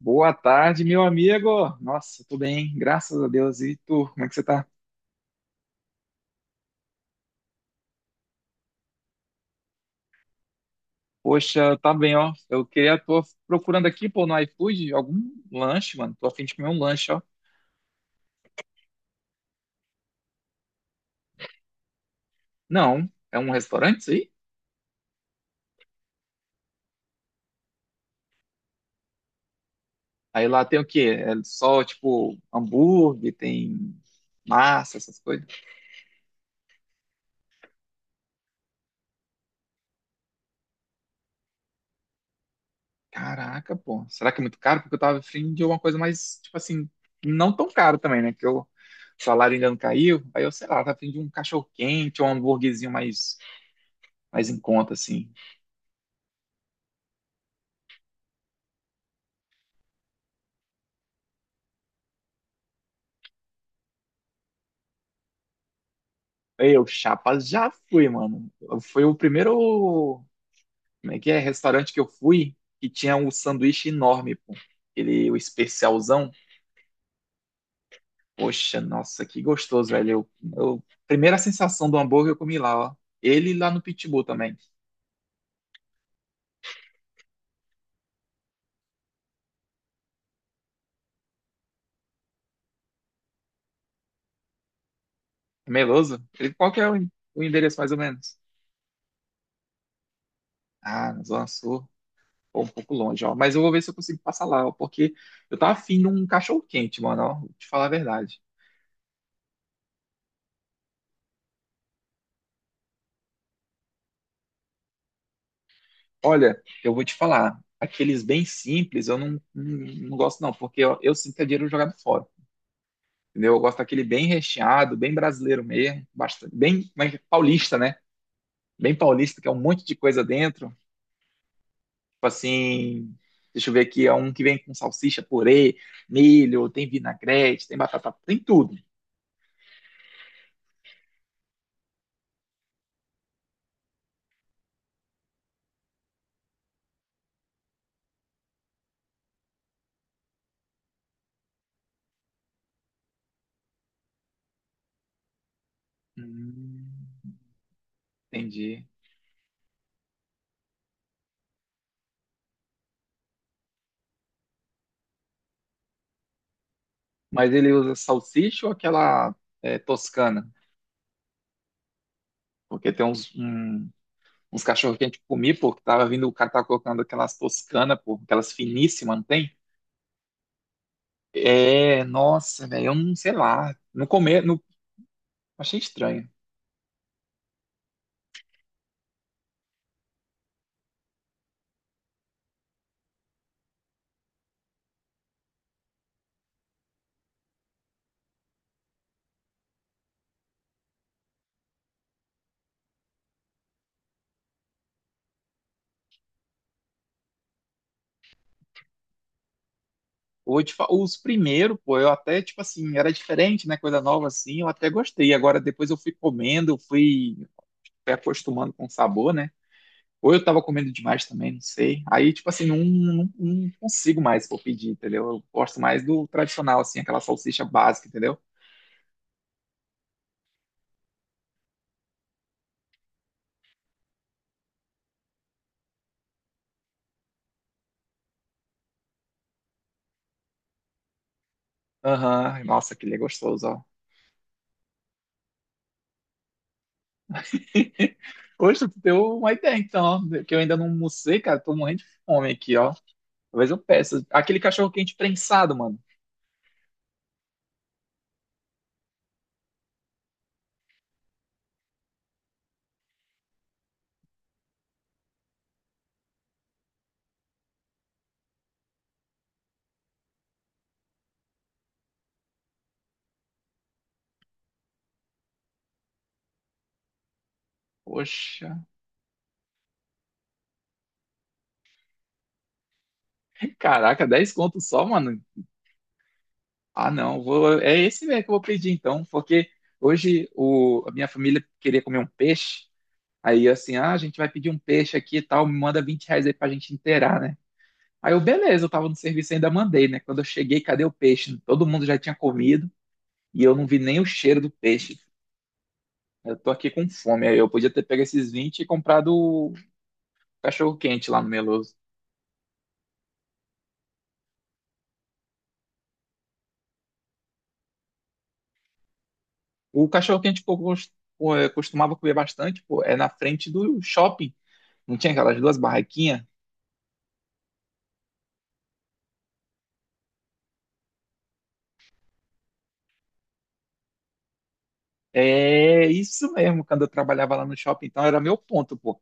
Boa tarde, meu amigo. Nossa, tudo bem, graças a Deus. E tu, como é que você tá? Poxa, tá bem, ó. Tô procurando aqui, pô, no iFood, algum lanche, mano. Tô a fim de comer um lanche, ó. Não, é um restaurante isso aí? Aí lá tem o quê? É só, tipo, hambúrguer, tem massa, essas coisas. Caraca, pô. Será que é muito caro? Porque eu tava afim de uma coisa mais, tipo assim, não tão caro também, né? O salário ainda não caiu. Aí eu, sei lá, tava afim de um cachorro-quente ou um hambúrguerzinho mais em conta, assim. Chapa, já fui, mano. Foi o primeiro, como é que é, restaurante que eu fui que tinha um sanduíche enorme, pô. Ele, o especialzão. Poxa, nossa, que gostoso, velho. Primeira sensação do hambúrguer eu comi lá, ó. Ele lá no Pitbull também. Meloso? Ele, qual que é o endereço mais ou menos? Ah, na Zona Sul. Pô, um pouco longe, ó. Mas eu vou ver se eu consigo passar lá, ó, porque eu tava afim de um cachorro quente, mano, ó. Vou te falar a verdade. Olha, eu vou te falar, aqueles bem simples eu não gosto não, porque eu sinto que é dinheiro jogado fora, entendeu? Eu gosto daquele bem recheado, bem brasileiro mesmo, bastante, bem mas paulista, né? Bem paulista, que é um monte de coisa dentro, tipo assim, deixa eu ver aqui, é um que vem com salsicha, purê, milho, tem vinagrete, tem batata, tem tudo. Hum, entendi. Mas ele usa salsicha ou aquela toscana? Porque tem uns cachorros que a gente comia, pô, que tava vindo, o cara tava colocando aquelas toscanas, pô, aquelas finíssimas, não tem? É, nossa, velho, eu não sei lá. No começo, no, achei estranho. Hoje, os primeiros, pô, eu até, tipo assim, era diferente, né? Coisa nova assim, eu até gostei. Agora depois eu fui comendo, eu fui acostumando com o sabor, né? Ou eu tava comendo demais também, não sei. Aí, tipo assim, não consigo mais pô, pedir, entendeu? Eu gosto mais do tradicional, assim, aquela salsicha básica, entendeu? Aham. Nossa, que ele é gostoso, ó. Poxa, tu deu uma ideia, então, ó, que eu ainda não almocei, cara. Tô morrendo de fome aqui, ó. Talvez eu peça. Aquele cachorro quente prensado, mano. Poxa, caraca, 10 conto só, mano. Ah, não, vou, é esse mesmo que eu vou pedir, então, porque hoje a minha família queria comer um peixe. Aí, assim, ah, a gente vai pedir um peixe aqui e tal, me manda 20 reais aí pra gente inteirar, né? Aí eu, beleza, eu tava no serviço e ainda mandei, né? Quando eu cheguei, cadê o peixe? Todo mundo já tinha comido e eu não vi nem o cheiro do peixe. Eu tô aqui com fome. Aí eu podia ter pego esses 20 e comprado o cachorro-quente lá no Meloso. O cachorro-quente que eu pô, costumava comer bastante, pô, é na frente do shopping. Não tinha aquelas duas barraquinhas? É isso mesmo, quando eu trabalhava lá no shopping, então era meu ponto, pô.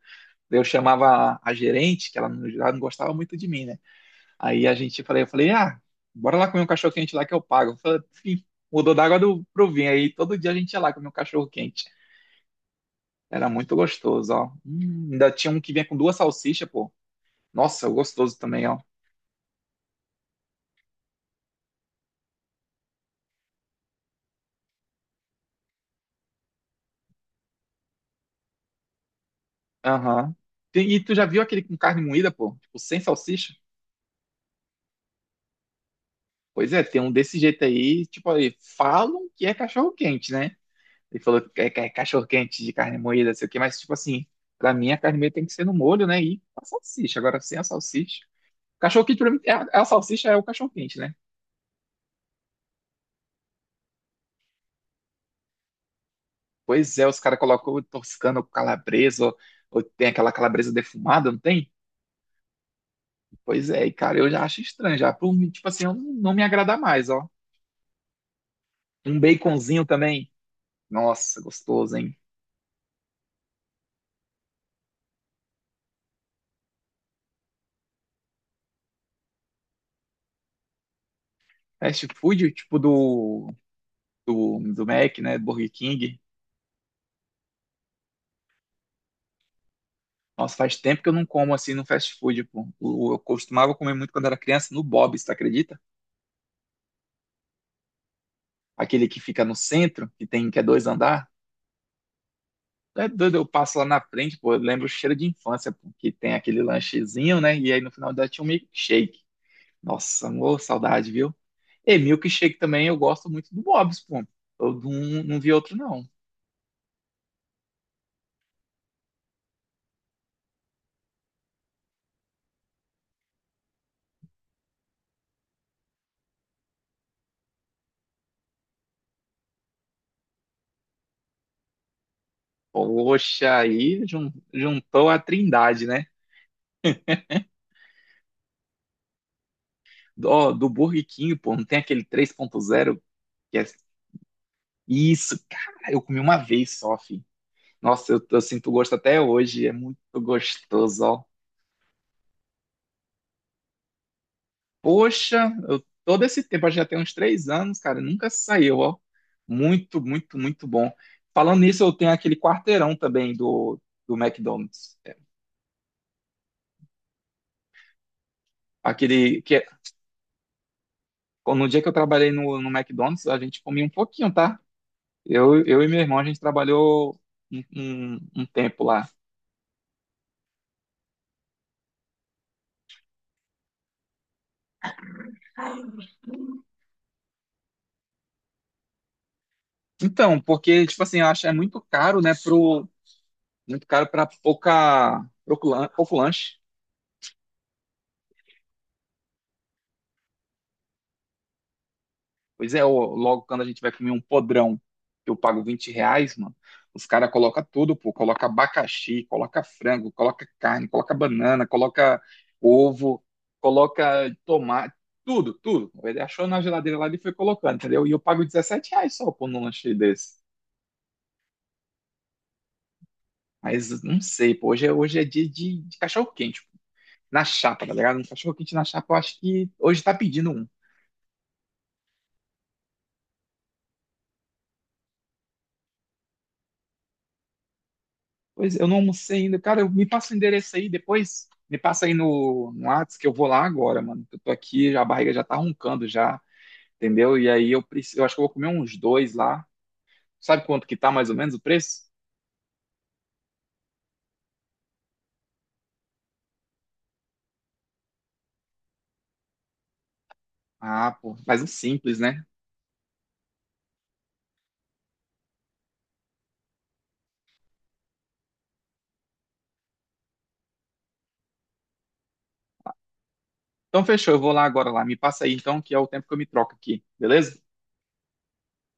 Eu chamava a gerente, que ela não gostava muito de mim, né? Aí eu falei, ah, bora lá comer um cachorro-quente lá que eu pago. Eu falei, "Sim." Mudou da água pro vinho. Aí todo dia a gente ia lá comer um cachorro-quente. Era muito gostoso, ó. Ainda tinha um que vinha com duas salsichas, pô. Nossa, gostoso também, ó. Aham. E tu já viu aquele com carne moída, pô? Tipo, sem salsicha? Pois é, tem um desse jeito aí, tipo, aí, falam que é cachorro-quente, né? Ele falou que é, cachorro-quente de carne moída, sei o quê, mas, tipo assim, pra mim a carne moída tem que ser no molho, né? E com a salsicha, agora sem a salsicha. Cachorro-quente pra mim, é a salsicha é o cachorro-quente, né? Pois é, os caras colocam o toscano com calabresa, ou tem aquela calabresa defumada, não tem? Pois é, e cara, eu já acho estranho, já. Por mim, tipo assim, eu não me agrada mais, ó. Um baconzinho também. Nossa, gostoso, hein? Fast food, tipo do, do Mac, né? Burger King. Nossa, faz tempo que eu não como assim no fast food, pô. Eu costumava comer muito quando era criança no Bob's, tu acredita? Aquele que fica no centro, que tem, que é dois andar. É doido, eu passo lá na frente, pô, eu lembro o cheiro de infância, pô, que tem aquele lanchezinho, né? E aí no final dá tinha um milkshake. Nossa, amor, saudade, viu? E milkshake também eu gosto muito do Bob's, pô. Eu não vi outro, não. Poxa, aí juntou a trindade, né? do, Burger King, pô, não tem aquele 3.0 que é... Isso, cara, eu comi uma vez só, filho. Nossa, eu sinto gosto até hoje, é muito gostoso, ó. Poxa, todo esse tempo, acho que já tem uns 3 anos, cara, nunca saiu, ó. Muito, muito, muito bom. Falando nisso, eu tenho aquele quarteirão também do, McDonald's. É. Aquele que é- no dia que eu trabalhei no McDonald's, a gente comia um pouquinho, tá? Eu e meu irmão, a gente trabalhou um, um tempo lá. Então, porque, tipo assim, eu acho que é muito caro, né, muito caro para pouco lanche. Pois é, ô, logo quando a gente vai comer um podrão, que eu pago 20 reais, mano, os caras colocam tudo, pô. Coloca abacaxi, coloca frango, coloca carne, coloca banana, coloca ovo, coloca tomate, tudo, tudo. Ele achou na geladeira lá e foi colocando, entendeu? E eu pago 17 reais só por um lanche desse. Mas não sei, pô. Hoje é dia de cachorro-quente, pô. Na chapa, tá ligado? Um cachorro-quente na chapa, eu acho que hoje tá pedindo um. Pois eu não almocei ainda. Cara, me passa o endereço aí depois. Me passa aí no, Whats que eu vou lá agora, mano. Eu tô aqui, a barriga já tá roncando já, entendeu? E aí eu preciso, eu acho que eu vou comer uns dois lá. Sabe quanto que tá mais ou menos o preço? Ah, pô, mas um simples, né? Então fechou, eu vou lá agora lá. Me passa aí então, que é o tempo que eu me troco aqui, beleza?